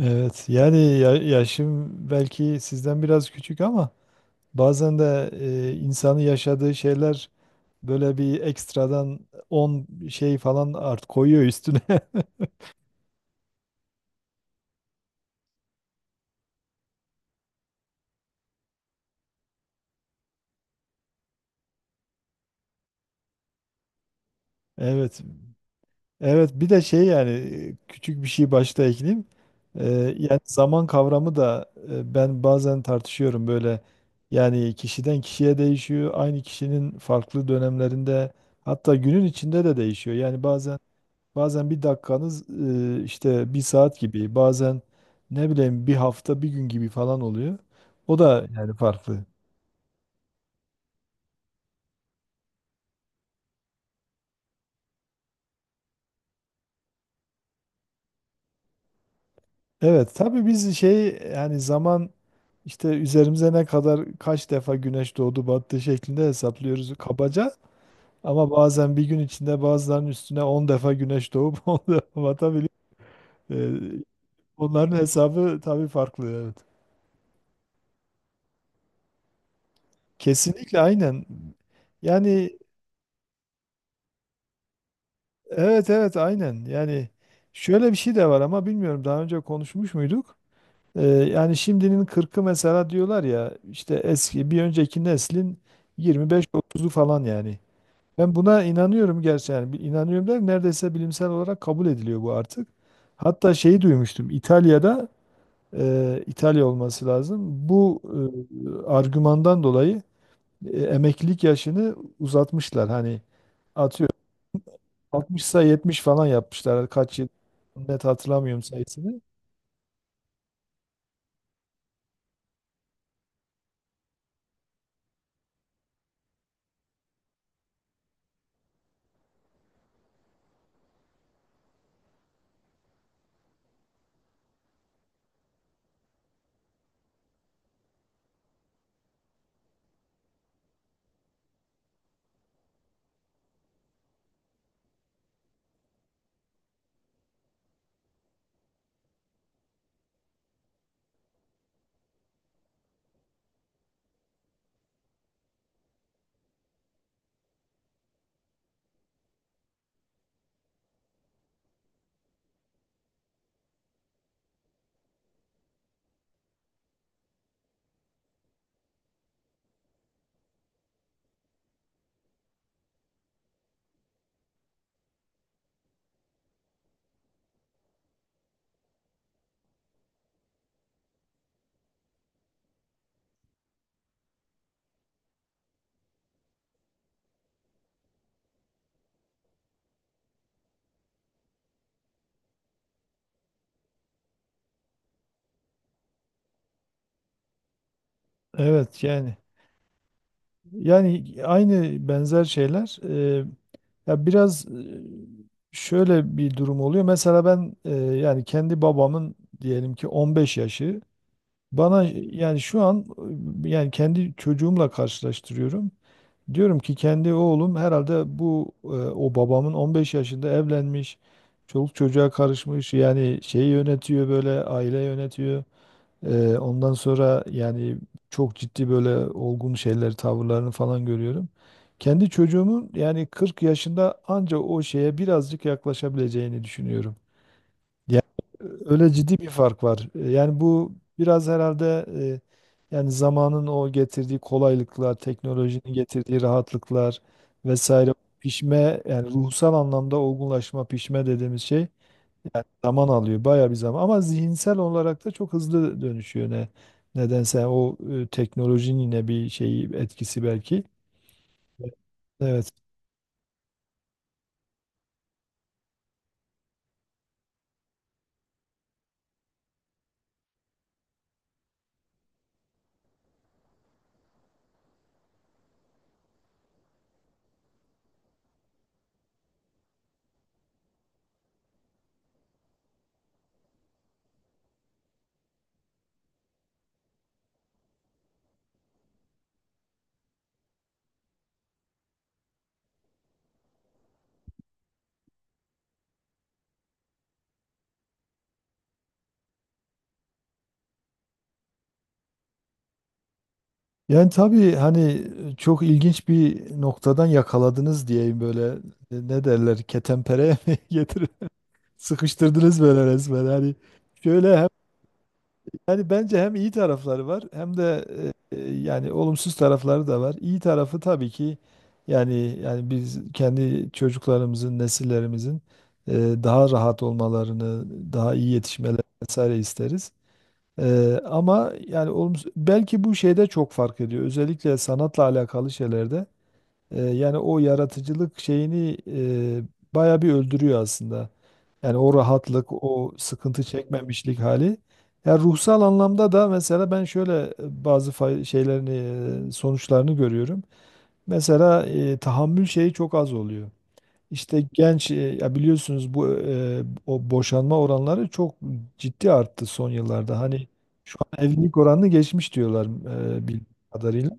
Evet yani yaşım belki sizden biraz küçük ama bazen de insanın yaşadığı şeyler böyle bir ekstradan 10 şey falan art koyuyor üstüne. Evet. Evet bir de şey yani küçük bir şey başta ekleyeyim. Yani zaman kavramı da ben bazen tartışıyorum böyle. Yani kişiden kişiye değişiyor. Aynı kişinin farklı dönemlerinde hatta günün içinde de değişiyor. Yani bazen bazen bir dakikanız işte bir saat gibi, bazen ne bileyim bir hafta bir gün gibi falan oluyor. O da yani farklı. Evet tabii biz şey yani zaman işte üzerimize ne kadar kaç defa güneş doğdu battı şeklinde hesaplıyoruz kabaca. Ama bazen bir gün içinde bazılarının üstüne 10 defa güneş doğup 10 defa batabiliyor. E, Onların hesabı tabii farklı, evet. Kesinlikle, aynen. Yani evet evet aynen. Yani şöyle bir şey de var, ama bilmiyorum daha önce konuşmuş muyduk? Yani şimdinin 40'ı mesela diyorlar ya, işte eski bir önceki neslin 25-30'u falan yani. Ben buna inanıyorum, gerçi yani inanıyorum der, neredeyse bilimsel olarak kabul ediliyor bu artık. Hatta şeyi duymuştum, İtalya'da İtalya olması lazım. Bu argümandan dolayı emeklilik yaşını uzatmışlar hani. 60'sa 70 falan yapmışlar. Kaç yıl net hatırlamıyorum sayısını. Evet yani aynı benzer şeyler e, ya biraz şöyle bir durum oluyor. Mesela ben yani kendi babamın diyelim ki 15 yaşı bana yani şu an yani kendi çocuğumla karşılaştırıyorum. Diyorum ki kendi oğlum herhalde bu o babamın 15 yaşında evlenmiş, çoluk çocuğa karışmış, yani şeyi yönetiyor, böyle aile yönetiyor. Ondan sonra yani çok ciddi böyle olgun şeyler, tavırlarını falan görüyorum. Kendi çocuğumun yani 40 yaşında anca o şeye birazcık yaklaşabileceğini düşünüyorum. Yani öyle ciddi bir fark var. Yani bu biraz herhalde yani zamanın o getirdiği kolaylıklar, teknolojinin getirdiği rahatlıklar vesaire, pişme yani ruhsal anlamda olgunlaşma, pişme dediğimiz şey zaman alıyor, bayağı bir zaman. Ama zihinsel olarak da çok hızlı dönüşüyor ne nedense, o teknolojinin yine bir şeyi etkisi belki. Evet. Yani tabii hani çok ilginç bir noktadan yakaladınız diyeyim böyle. Ne derler ketenpereye mi getirir, sıkıştırdınız böyle resmen hani şöyle. Yani bence hem iyi tarafları var hem de yani olumsuz tarafları da var. İyi tarafı tabii ki yani biz kendi çocuklarımızın, nesillerimizin e, daha rahat olmalarını, daha iyi yetişmelerini vesaire isteriz. Ama yani olumsuz, belki bu şeyde çok fark ediyor. Özellikle sanatla alakalı şeylerde. Yani o yaratıcılık şeyini baya bir öldürüyor aslında. Yani o rahatlık, o sıkıntı çekmemişlik hali. Ya ruhsal anlamda da mesela ben şöyle şeylerini, sonuçlarını görüyorum. Mesela tahammül şeyi çok az oluyor. İşte genç, ya biliyorsunuz bu o boşanma oranları çok ciddi arttı son yıllarda. Hani şu an evlilik oranını geçmiş diyorlar bildiğim kadarıyla.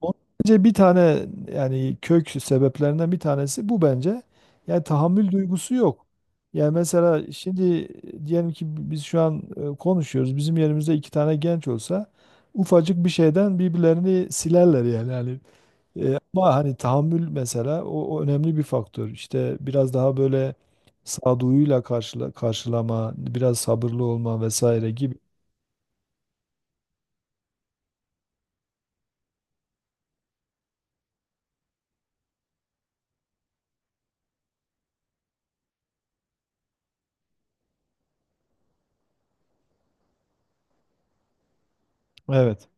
Onun Bence bir tane yani kök sebeplerinden bir tanesi bu bence. Yani tahammül duygusu yok. Yani mesela şimdi diyelim ki biz şu an konuşuyoruz. Bizim yerimizde iki tane genç olsa ufacık bir şeyden birbirlerini silerler yani. Yani ama hani tahammül mesela o önemli bir faktör. İşte biraz daha böyle sağduyuyla karşılama, biraz sabırlı olma vesaire gibi. Evet.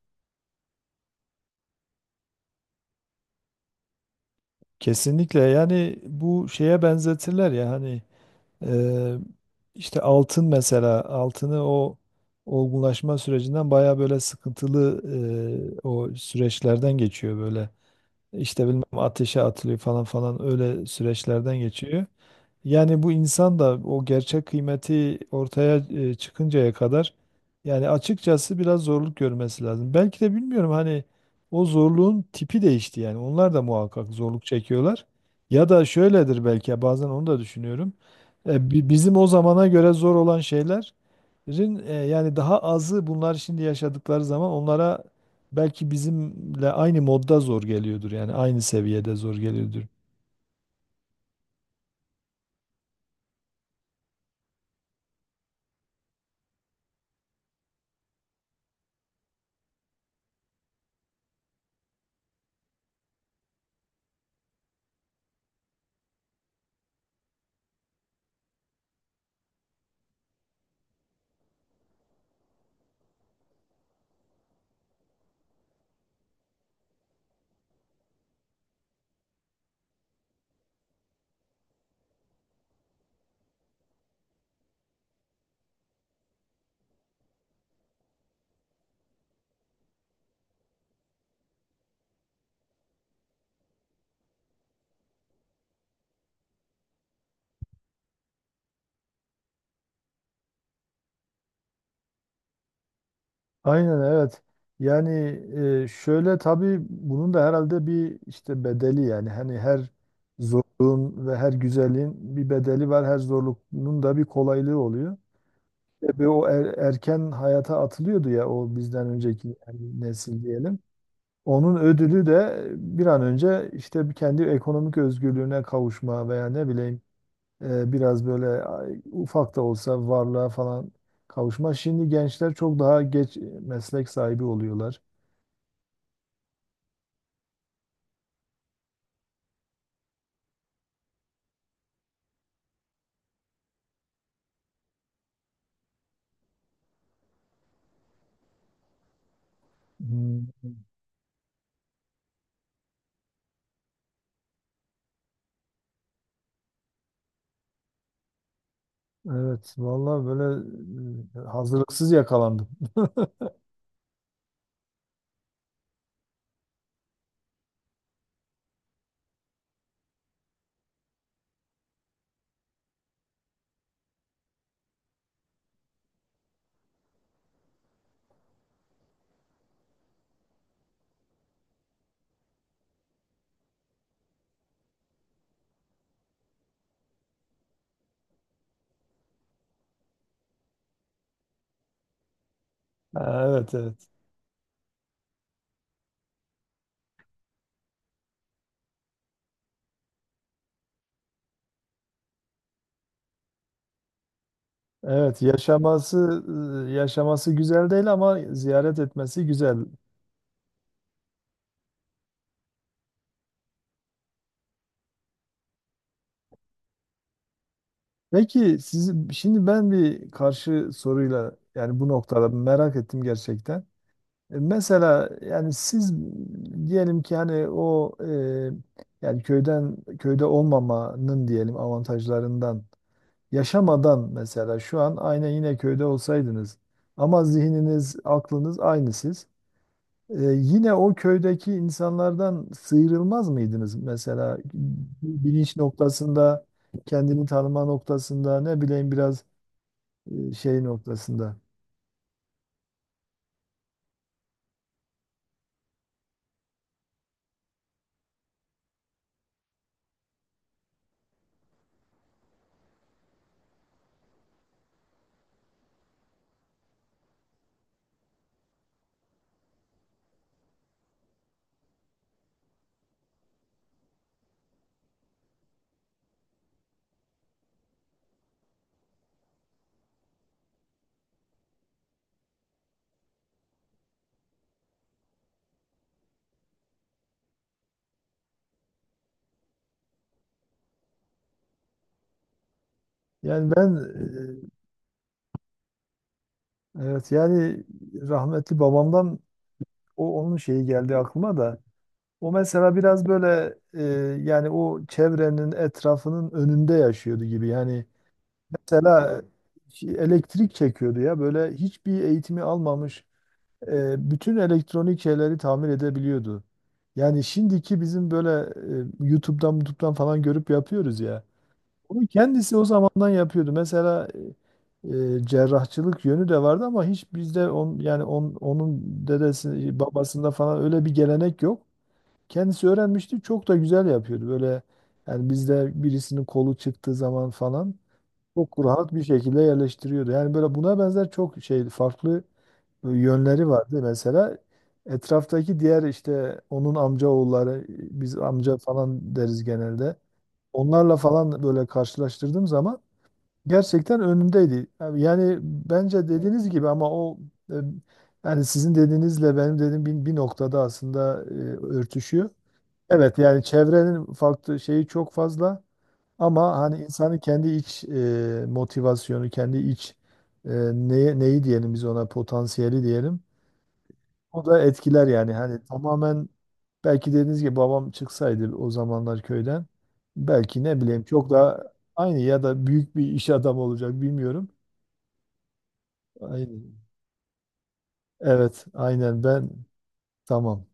Kesinlikle yani bu şeye benzetirler ya hani. Ee, işte altın, mesela altını o olgunlaşma sürecinden baya böyle sıkıntılı o süreçlerden geçiyor böyle. İşte bilmem ateşe atılıyor falan falan, öyle süreçlerden geçiyor. Yani bu insan da o gerçek kıymeti ortaya çıkıncaya kadar yani açıkçası biraz zorluk görmesi lazım. Belki de bilmiyorum hani o zorluğun tipi değişti yani. Onlar da muhakkak zorluk çekiyorlar. Ya da şöyledir belki, ya bazen onu da düşünüyorum. Bizim o zamana göre zor olan şeyler, yani daha azı bunlar şimdi yaşadıkları zaman onlara belki bizimle aynı modda zor geliyordur. Yani aynı seviyede zor geliyordur. Aynen, evet. Yani şöyle tabii bunun da herhalde bir işte bedeli, yani hani her zorluğun ve her güzelliğin bir bedeli var. Her zorluğun da bir kolaylığı oluyor. Tabii erken hayata atılıyordu ya o bizden önceki yani nesil diyelim. Onun ödülü de bir an önce işte kendi ekonomik özgürlüğüne kavuşma veya ne bileyim biraz böyle ay, ufak da olsa varlığa falan kavuşma. Şimdi gençler çok daha geç meslek sahibi oluyorlar. Hmm. Evet, vallahi böyle hazırlıksız yakalandım. Ha, evet, evet. Evet, yaşaması yaşaması güzel değil ama ziyaret etmesi güzel. Peki siz şimdi, ben bir karşı soruyla yani bu noktada merak ettim gerçekten. Mesela yani siz diyelim ki hani yani köyde olmamanın diyelim avantajlarından yaşamadan, mesela şu an aynı yine köyde olsaydınız ama zihniniz, aklınız aynı siz. Yine o köydeki insanlardan sıyrılmaz mıydınız mesela, bilinç noktasında, kendini tanıma noktasında, ne bileyim biraz şey noktasında. Yani ben evet yani rahmetli babamdan, o onun şeyi geldi aklıma da. O mesela biraz böyle yani o çevrenin etrafının önünde yaşıyordu gibi. Yani mesela şey, elektrik çekiyordu ya böyle, hiçbir eğitimi almamış bütün elektronik şeyleri tamir edebiliyordu. Yani şimdiki bizim böyle YouTube'dan falan görüp yapıyoruz ya. Bunu kendisi o zamandan yapıyordu. Mesela e, cerrahçılık yönü de vardı ama hiç bizde onun dedesi babasında falan öyle bir gelenek yok. Kendisi öğrenmişti. Çok da güzel yapıyordu. Böyle yani bizde birisinin kolu çıktığı zaman falan çok rahat bir şekilde yerleştiriyordu. Yani böyle buna benzer çok şey farklı yönleri vardı. Mesela etraftaki diğer işte onun amca oğulları, biz amca falan deriz genelde. Onlarla falan böyle karşılaştırdığım zaman gerçekten önündeydi. Yani bence dediğiniz gibi, ama e, yani sizin dediğinizle benim dediğim bir noktada aslında örtüşüyor. Evet yani çevrenin farklı şeyi çok fazla, ama hani insanın kendi iç motivasyonu, kendi iç neyi diyelim, biz ona potansiyeli diyelim. O da etkiler yani, hani tamamen belki dediğiniz gibi babam çıksaydı o zamanlar köyden belki ne bileyim çok daha aynı ya da büyük bir iş adamı olacak, bilmiyorum. Aynen. Evet, aynen ben. Tamam.